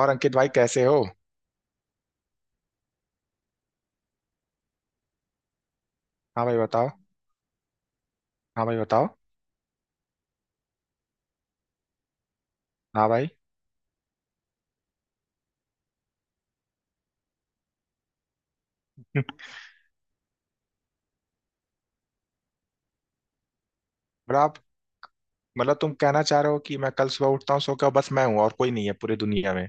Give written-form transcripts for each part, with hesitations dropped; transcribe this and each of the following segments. और अंकित भाई कैसे हो? हाँ भाई बताओ। हाँ भाई बताओ। हाँ भाई। और आप मतलब तुम कहना चाह रहे हो कि मैं कल सुबह उठता हूँ सो के, बस मैं हूँ और कोई नहीं है पूरी दुनिया में?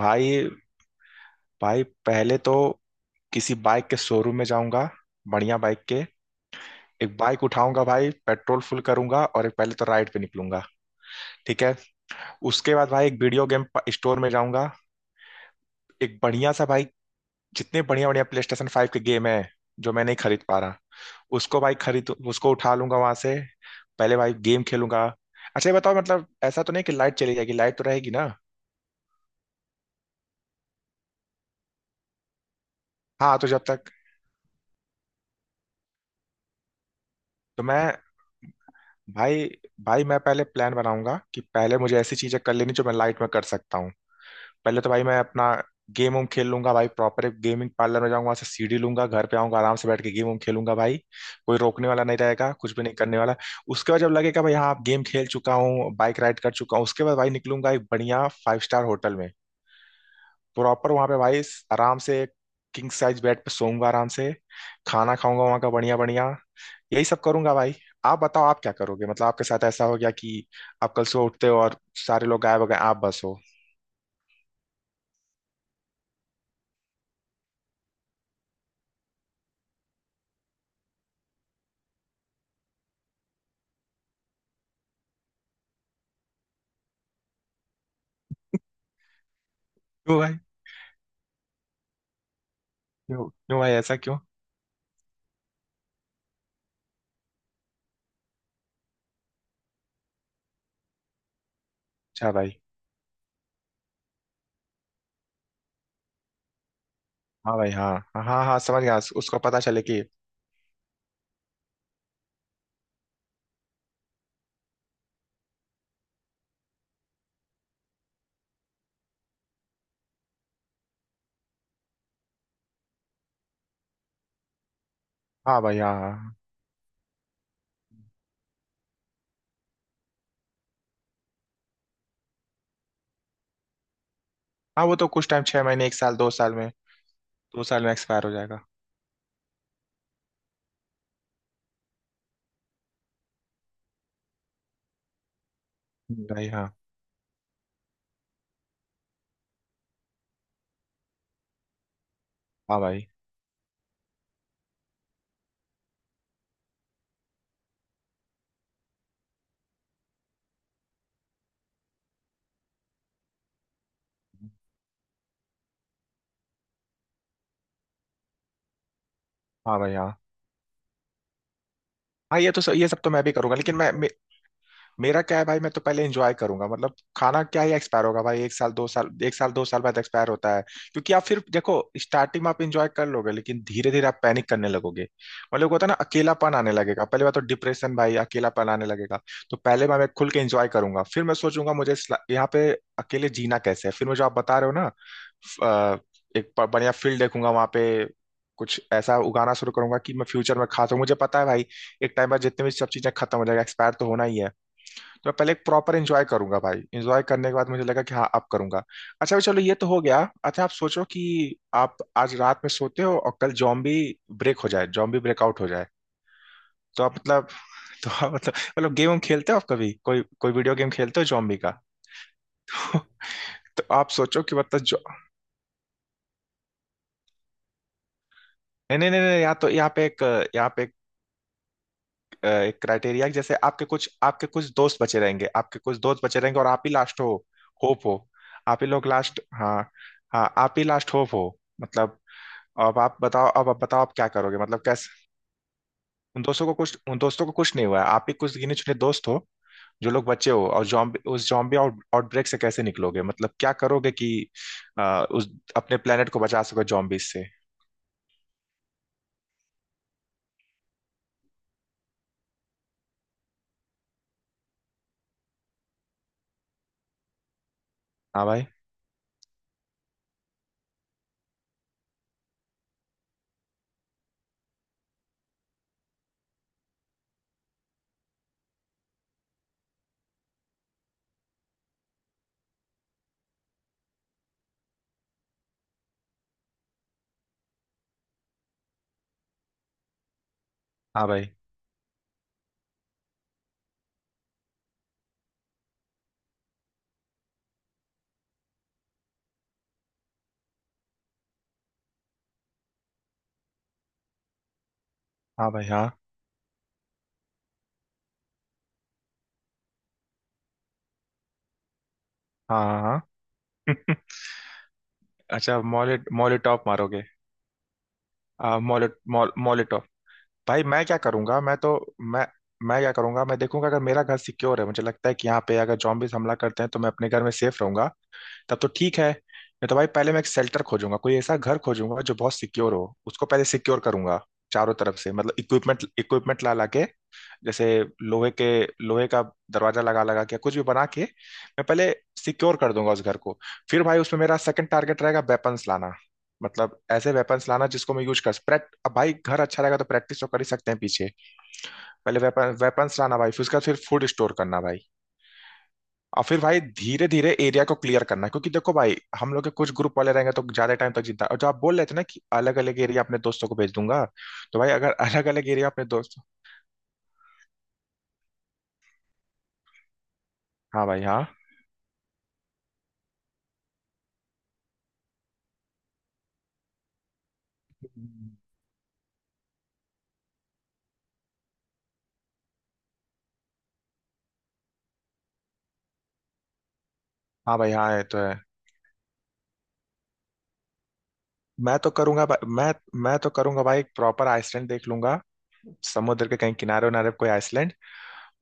भाई। भाई पहले तो किसी बाइक के शोरूम में जाऊंगा, बढ़िया बाइक के। एक बाइक उठाऊंगा भाई, पेट्रोल फुल करूंगा और एक पहले तो राइड पे निकलूंगा। ठीक है। उसके बाद भाई एक वीडियो गेम स्टोर में जाऊंगा। एक बढ़िया सा भाई, जितने बढ़िया बढ़िया PlayStation 5 के गेम है जो मैं नहीं खरीद पा रहा, उसको भाई खरीद उसको उठा लूंगा वहां से। पहले भाई गेम खेलूंगा। अच्छा ये बताओ, मतलब ऐसा तो नहीं कि लाइट चली जाएगी? लाइट तो रहेगी ना? हाँ तो जब तक। तो मैं, भाई। भाई मैं पहले प्लान बनाऊंगा कि पहले मुझे ऐसी चीजें कर लेनी जो मैं लाइट में कर सकता हूँ। पहले तो भाई मैं अपना गेम वेम खेल लूंगा भाई, प्रॉपर एक गेमिंग पार्लर में जाऊंगा, वहां से CD लूंगा, घर पे आऊंगा, आराम से बैठ के गेम वेम खेलूंगा भाई। कोई रोकने वाला नहीं रहेगा, कुछ भी नहीं करने वाला। उसके बाद जब लगेगा भाई हाँ आप गेम खेल चुका हूँ बाइक राइड कर चुका हूँ, उसके बाद भाई निकलूंगा एक बढ़िया 5 स्टार होटल में। प्रॉपर वहां पे भाई आराम से किंग साइज बेड पे सोऊंगा आराम से, खाना खाऊंगा वहां का बढ़िया बढ़िया। यही सब करूंगा भाई। आप बताओ, आप क्या करोगे? मतलब आपके साथ ऐसा हो गया कि आप कल सुबह उठते हो और सारे लोग गायब हो गए, आप बस हो। क्यों भाई? क्यों क्यों भाई ऐसा क्यों? अच्छा भाई। हाँ भाई हाँ हाँ हाँ। हाँ समझ गया, उसको पता चले कि। हाँ भाई हाँ हाँ हाँ। हाँ, वो तो कुछ टाइम 6 महीने 1 साल 2 साल में। दो साल में एक्सपायर हो जाएगा। भाई हाँ। हाँ भाई हाँ। भाई हाँ। हाँ, ये तो ये सब तो मैं भी करूंगा लेकिन मैं मेरा क्या है भाई। मैं तो पहले एंजॉय करूंगा। मतलब खाना क्या ही एक्सपायर होगा भाई, एक साल दो साल बाद एक्सपायर होता है। क्योंकि आप फिर देखो, स्टार्टिंग में आप एंजॉय कर लोगे लेकिन धीरे धीरे आप पैनिक करने लगोगे। मतलब होता है ना, अकेलापन आने लगेगा। पहली बात तो डिप्रेशन भाई, अकेलापन आने लगेगा। तो पहले मैं खुल के एंजॉय करूंगा, फिर मैं सोचूंगा मुझे यहाँ पे अकेले जीना कैसे है। फिर मैं जो आप बता रहे हो ना, अ, एक बढ़िया फील्ड देखूंगा वहां पे, कुछ ऐसा उगाना शुरू करूंगा कि मैं फ्यूचर में खा सकूं। मुझे पता है भाई, एक टाइम बाद जितने भी सब चीजें खत्म हो जाएगा, एक्सपायर तो होना ही है। तो मैं पहले एक प्रॉपर एंजॉय करूंगा भाई, एंजॉय करने के बाद मुझे लगा कि हाँ अब करूंगा। अच्छा भाई चलो, ये तो हो गया। अच्छा आप सोचो कि आप आज रात में सोते हो और कल जॉम्बी ब्रेक हो जाए, जॉम्बी ब्रेकआउट हो जाए। तो आप मतलब, तो आप मतलब गेम खेलते हो आप कभी? कोई कोई वीडियो गेम खेलते हो जॉम्बी का? तो आप सोचो कि मतलब जो, नहीं नहीं नहीं नहीं, यहाँ पे एक क्राइटेरिया है। जैसे आपके कुछ दोस्त बचे रहेंगे, आपके कुछ दोस्त बचे रहेंगे और आप ही लास्ट हो होप हो। आप ही लोग लास्ट हाँ। हाँ आप ही लास्ट होप हो, मतलब। अब आप बताओ आप क्या करोगे, मतलब कैसे? उन दोस्तों को कुछ नहीं हुआ है, आप ही कुछ गिने चुने दोस्त हो जो लोग बचे हो। और जॉम्बी, उस जॉम्बी आउटब्रेक से कैसे निकलोगे? मतलब क्या करोगे कि उस अपने प्लेनेट को बचा सको जॉम्बीज से? हाँ भाई हाँ। भाई हाँ। भाई हाँ हाँ हाँ हाँ। अच्छा, मॉले मॉले टॉप मारोगे? आ, मोले, मॉल मोलेटो। भाई मैं क्या करूंगा, मैं तो, मैं। मैं क्या करूंगा, मैं देखूंगा अगर मेरा घर सिक्योर है। मुझे लगता है कि यहाँ पे अगर जॉम्बीज हमला करते हैं तो मैं अपने घर में सेफ रहूंगा। तब तो ठीक है, नहीं तो भाई पहले मैं एक शेल्टर खोजूंगा, कोई ऐसा घर खोजूंगा जो बहुत सिक्योर हो, उसको पहले सिक्योर करूंगा चारों तरफ से। मतलब इक्विपमेंट इक्विपमेंट ला ला के, जैसे लोहे के लोहे का दरवाजा लगा लगा के कुछ भी बना के, मैं पहले सिक्योर कर दूंगा उस घर को। फिर भाई उसमें मेरा सेकंड टारगेट रहेगा वेपन्स लाना। मतलब ऐसे वेपन्स लाना जिसको मैं यूज कर प्रैक्ट, अब भाई घर अच्छा रहेगा तो प्रैक्टिस तो कर ही सकते हैं पीछे। पहले वेपन्स लाना भाई, फिर उसके बाद फिर फूड स्टोर करना भाई। और फिर भाई धीरे धीरे एरिया को क्लियर करना, क्योंकि देखो भाई हम लोग के कुछ ग्रुप वाले रहेंगे तो ज्यादा टाइम तक जिंदा। और जो आप बोल रहे थे ना कि अलग अलग एरिया अपने दोस्तों को भेज दूंगा, तो भाई अगर अलग अलग एरिया अपने दोस्त। हाँ भाई हाँ। हाँ भाई हाँ, ये तो है। मैं तो करूंगा भा- मैं मैं तो करूंगा भाई एक प्रॉपर आइसलैंड देख लूंगा, समुद्र के कहीं किनारे उनारे पे कोई आइसलैंड।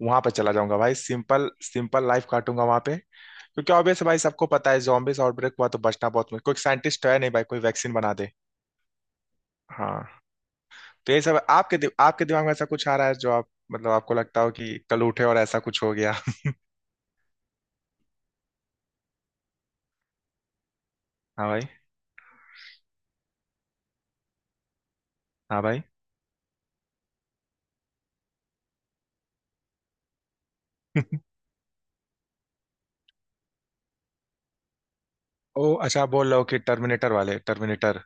वहां पे चला जाऊंगा भाई, सिंपल सिंपल लाइफ काटूंगा वहां पे। क्योंकि ऑब्वियस भाई सबको पता है जॉम्बिस आउटब्रेक हुआ तो बचना बहुत मुश्किल, कोई साइंटिस्ट है नहीं भाई कोई वैक्सीन बना दे। हाँ। तो ये सब आपके आपके दिमाग में ऐसा कुछ आ रहा है जो आप मतलब आपको लगता हो कि कल उठे और ऐसा कुछ हो गया? हाँ भाई। हाँ भाई। ओ अच्छा, आप बोल रहे हो कि टर्मिनेटर वाले, टर्मिनेटर।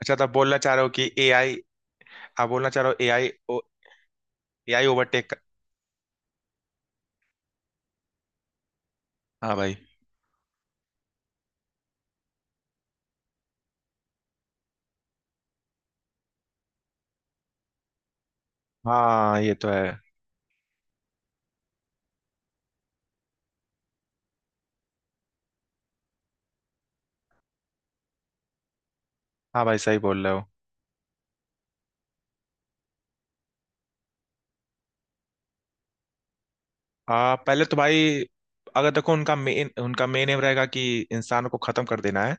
अच्छा तो आप बोलना चाह रहे हो कि AI। आप बोलना चाह रहे हो AI। AI overtake. हाँ भाई। हाँ, ये तो है। हाँ भाई सही बोल रहे हो। पहले तो भाई, अगर देखो उनका मेन एम रहेगा कि इंसानों को खत्म कर देना है।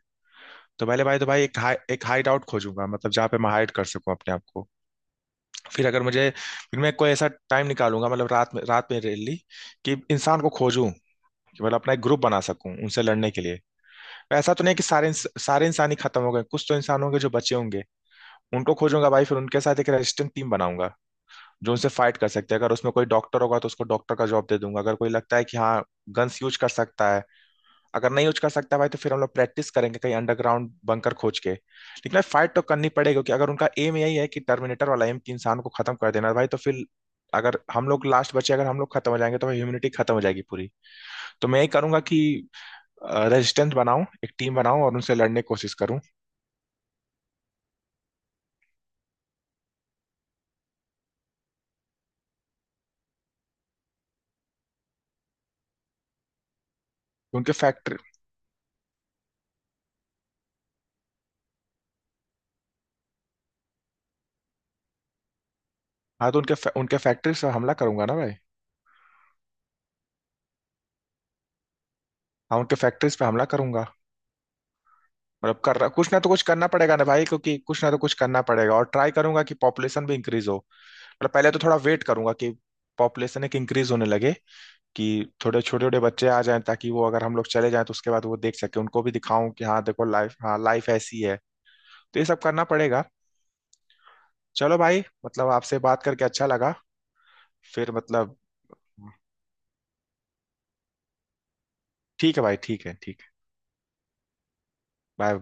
तो पहले भाई तो भाई एक हाई एक हाइड आउट खोजूंगा, मतलब जहाँ पे मैं हाइड कर सकूं अपने आप को। फिर अगर मुझे फिर मैं कोई ऐसा टाइम निकालूंगा, मतलब रात में रैली कि इंसान को खोजूं, कि मतलब अपना एक ग्रुप बना सकूं उनसे लड़ने के लिए। ऐसा तो नहीं कि सारे इंसान ही खत्म हो गए, कुछ तो इंसान होंगे जो बचे होंगे। उनको खोजूंगा भाई, फिर उनके साथ एक रेजिस्टेंट टीम बनाऊंगा जो उनसे फाइट कर सकते हैं। अगर उसमें कोई डॉक्टर होगा तो उसको डॉक्टर का जॉब दे दूंगा। अगर कोई लगता है कि हाँ गन्स यूज कर सकता है, अगर नहीं यूज कर सकता भाई तो फिर हम लोग प्रैक्टिस करेंगे कहीं अंडरग्राउंड बंकर खोज के। लेकिन फाइट तो करनी पड़ेगी क्योंकि अगर उनका एम यही है कि टर्मिनेटर वाला एम कि इंसान को खत्म कर देना है, भाई तो फिर अगर हम लोग लास्ट बचे, अगर हम लोग खत्म हो जाएंगे तो ह्यूमनिटी खत्म हो जाएगी पूरी। तो मैं यही करूंगा कि रेजिस्टेंस बनाऊं, एक टीम बनाऊं और उनसे लड़ने की कोशिश करूं। उनके फैक्ट्री हाँ तो उनके उनके फैक्ट्री पे हमला करूंगा ना भाई। हाँ उनके फैक्ट्रीज पे हमला करूंगा। मतलब कर कुछ ना तो कुछ करना पड़ेगा ना भाई, क्योंकि कुछ ना तो कुछ करना पड़ेगा और ट्राई करूंगा कि पॉपुलेशन भी इंक्रीज हो। मतलब पहले तो थोड़ा वेट करूंगा कि पॉपुलेशन एक इंक्रीज होने लगे, कि थोड़े छोटे छोटे बच्चे आ जाएं ताकि वो अगर हम लोग चले जाएं तो उसके बाद वो देख सके, उनको भी दिखाऊं कि हाँ देखो लाइफ, हाँ लाइफ ऐसी है। तो ये सब करना पड़ेगा। चलो भाई, मतलब आपसे बात करके अच्छा लगा। फिर मतलब। ठीक है भाई ठीक है ठीक है। बाय।